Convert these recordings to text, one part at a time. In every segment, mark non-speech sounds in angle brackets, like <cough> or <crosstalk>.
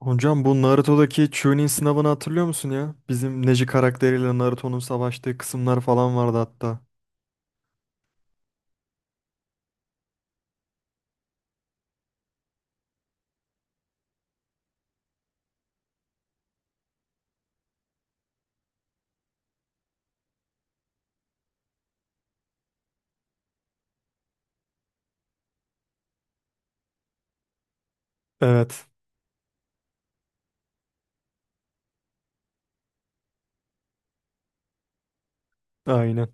Hocam bu Naruto'daki Chunin sınavını hatırlıyor musun ya? Bizim Neji karakteriyle Naruto'nun savaştığı kısımlar falan vardı hatta. Evet. Aynen.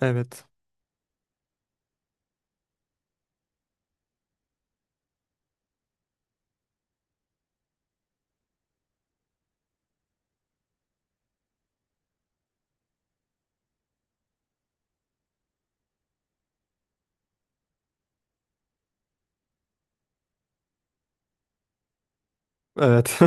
Evet. Evet.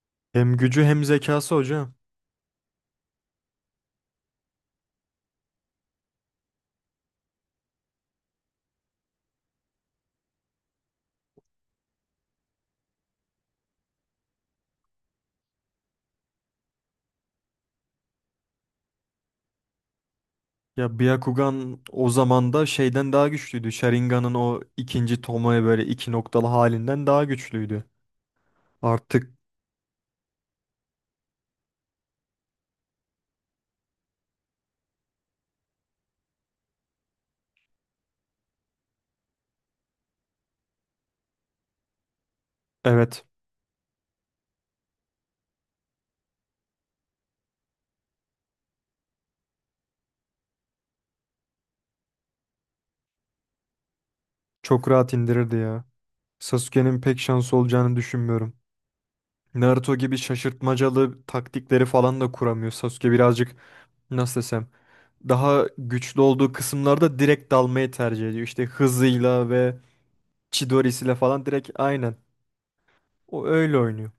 <laughs> Hem gücü hem zekası hocam. Ya Byakugan o zaman da şeyden daha güçlüydü. Sharingan'ın o ikinci tomoya böyle iki noktalı halinden daha güçlüydü. Artık evet, çok rahat indirirdi ya. Sasuke'nin pek şansı olacağını düşünmüyorum. Naruto gibi şaşırtmacalı taktikleri falan da kuramıyor. Sasuke birazcık, nasıl desem, daha güçlü olduğu kısımlarda direkt dalmayı tercih ediyor. İşte hızıyla ve Chidori'siyle falan direkt aynen. O öyle oynuyor.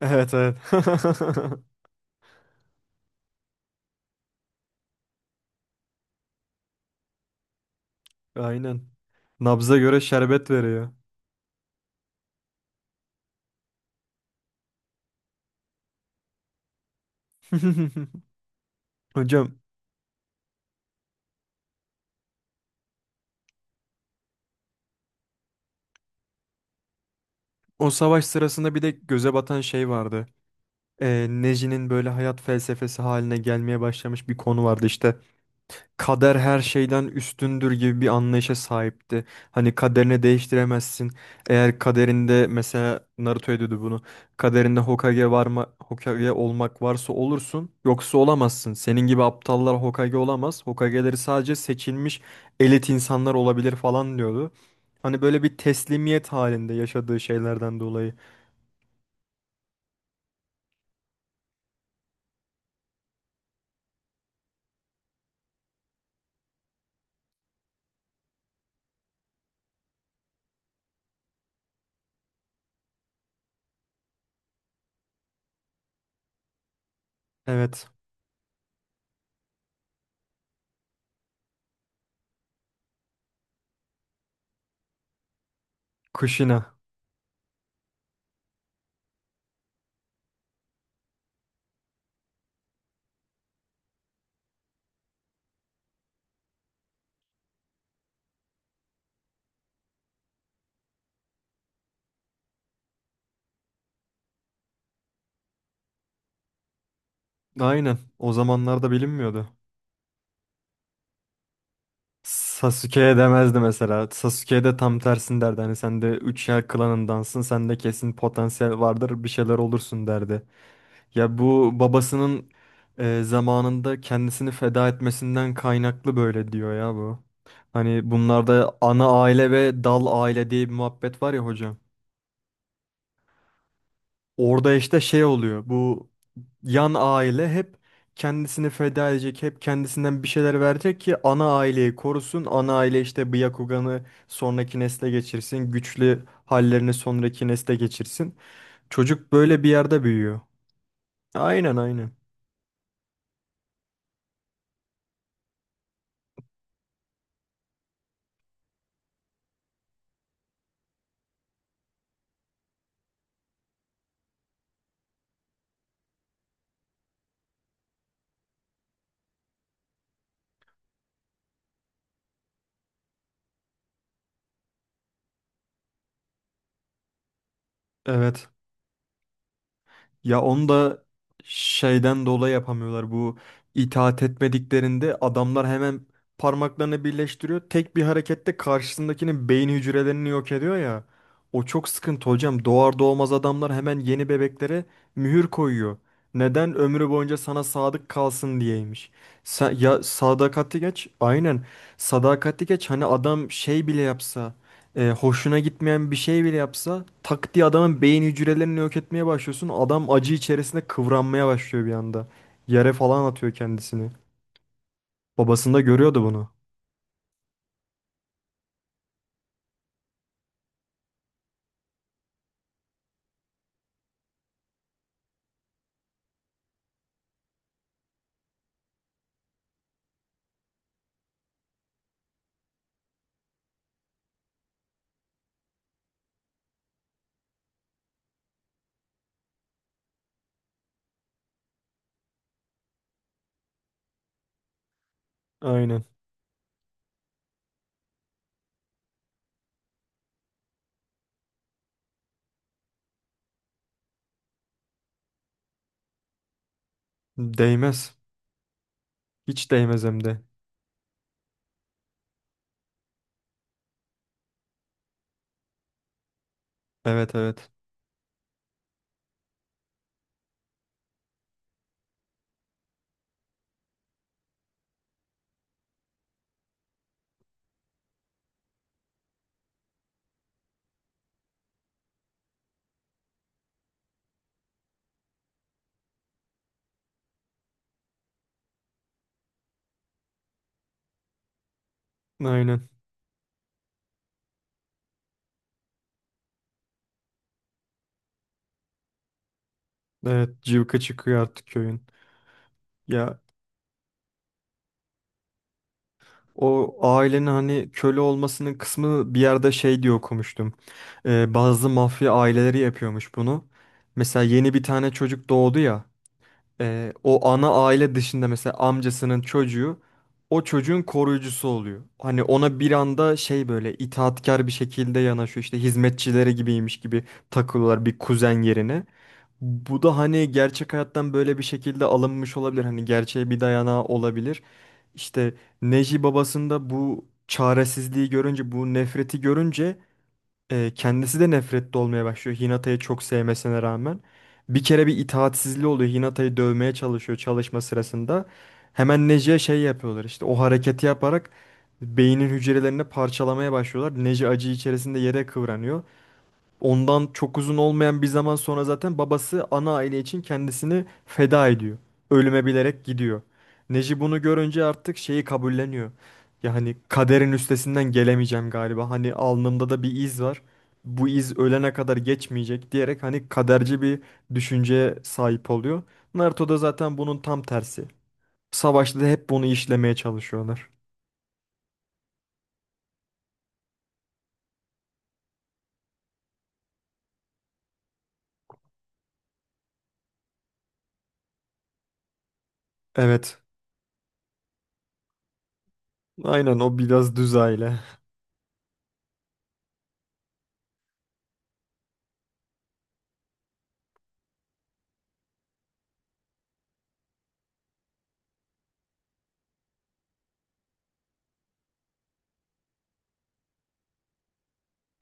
Evet, evet. <laughs> Aynen. Nabza göre şerbet veriyor. <laughs> Hocam, o savaş sırasında bir de göze batan şey vardı. Neji'nin böyle hayat felsefesi haline gelmeye başlamış bir konu vardı işte. Kader her şeyden üstündür gibi bir anlayışa sahipti. Hani kaderini değiştiremezsin. Eğer kaderinde, mesela, Naruto ediyordu bunu. Kaderinde Hokage varma Hokage olmak varsa olursun, yoksa olamazsın. Senin gibi aptallar Hokage olamaz. Hokage'leri sadece seçilmiş elit insanlar olabilir falan diyordu. Hani böyle bir teslimiyet halinde yaşadığı şeylerden dolayı. Evet, Kushina. Aynen. O zamanlarda bilinmiyordu. Sasuke'ye demezdi mesela. Sasuke'ye de tam tersini derdi. Hani sen de üç yer klanındansın. Sen de kesin potansiyel vardır. Bir şeyler olursun derdi. Ya, bu babasının zamanında kendisini feda etmesinden kaynaklı böyle diyor ya bu. Hani bunlarda ana aile ve dal aile diye bir muhabbet var ya hocam. Orada işte şey oluyor. Bu yan aile hep kendisini feda edecek, hep kendisinden bir şeyler verecek ki ana aileyi korusun. Ana aile işte bu Yakugan'ı sonraki nesle geçirsin, güçlü hallerini sonraki nesle geçirsin. Çocuk böyle bir yerde büyüyor. Aynen aynen. Evet. Ya, onu da şeyden dolayı yapamıyorlar. Bu itaat etmediklerinde adamlar hemen parmaklarını birleştiriyor. Tek bir harekette karşısındakinin beyin hücrelerini yok ediyor ya. O çok sıkıntı hocam. Doğar doğmaz adamlar hemen yeni bebeklere mühür koyuyor. Neden? Ömrü boyunca sana sadık kalsın diyeymiş. Ya, sadakati geç. Aynen. Sadakati geç. Hani adam şey bile yapsa, hoşuna gitmeyen bir şey bile yapsa, tak diye adamın beyin hücrelerini yok etmeye başlıyorsun. Adam acı içerisinde kıvranmaya başlıyor bir anda. Yere falan atıyor kendisini. Babasında görüyordu bunu. Aynen. Değmez. Hiç değmez hem de. Evet, evet. Aynen. Evet, cıvka çıkıyor artık köyün. Ya, o ailenin hani köle olmasının kısmı bir yerde şey diye okumuştum. Bazı mafya aileleri yapıyormuş bunu. Mesela yeni bir tane çocuk doğdu ya. O ana aile dışında, mesela, amcasının çocuğu o çocuğun koruyucusu oluyor. Hani ona bir anda şey, böyle itaatkar bir şekilde yanaşıyor, işte hizmetçileri gibiymiş gibi takılıyorlar bir kuzen yerine. Bu da hani gerçek hayattan böyle bir şekilde alınmış olabilir. Hani gerçeğe bir dayanağı olabilir. İşte Neji babasında bu çaresizliği görünce, bu nefreti görünce, kendisi de nefretli olmaya başlıyor Hinata'yı çok sevmesine rağmen. Bir kere bir itaatsizliği oluyor. Hinata'yı dövmeye çalışıyor çalışma sırasında. Hemen Neji'ye şey yapıyorlar, işte o hareketi yaparak beynin hücrelerini parçalamaya başlıyorlar. Neji acı içerisinde yere kıvranıyor. Ondan çok uzun olmayan bir zaman sonra zaten babası ana aile için kendisini feda ediyor. Ölüme bilerek gidiyor. Neji bunu görünce artık şeyi kabulleniyor. Yani kaderin üstesinden gelemeyeceğim galiba. Hani alnımda da bir iz var. Bu iz ölene kadar geçmeyecek diyerek hani kaderci bir düşünceye sahip oluyor. Naruto da zaten bunun tam tersi. Savaşta da hep bunu işlemeye çalışıyorlar. Evet. Aynen, o biraz düz aile. <laughs>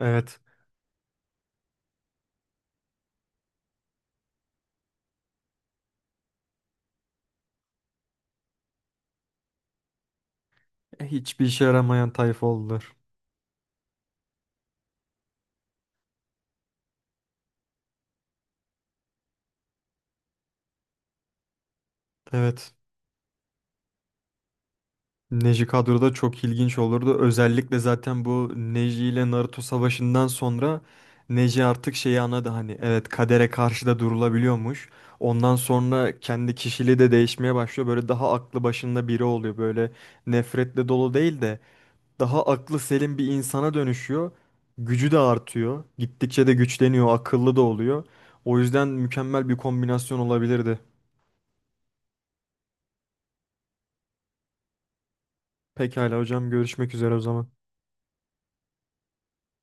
Evet. Hiçbir işe yaramayan tayfa oldular. Evet. Neji kadroda çok ilginç olurdu. Özellikle zaten bu Neji ile Naruto savaşından sonra Neji artık şeyi anladı, hani evet, kadere karşı da durulabiliyormuş. Ondan sonra kendi kişiliği de değişmeye başlıyor. Böyle daha aklı başında biri oluyor. Böyle nefretle dolu değil de daha aklı selim bir insana dönüşüyor. Gücü de artıyor. Gittikçe de güçleniyor, akıllı da oluyor. O yüzden mükemmel bir kombinasyon olabilirdi. Pekala hocam, görüşmek üzere o zaman.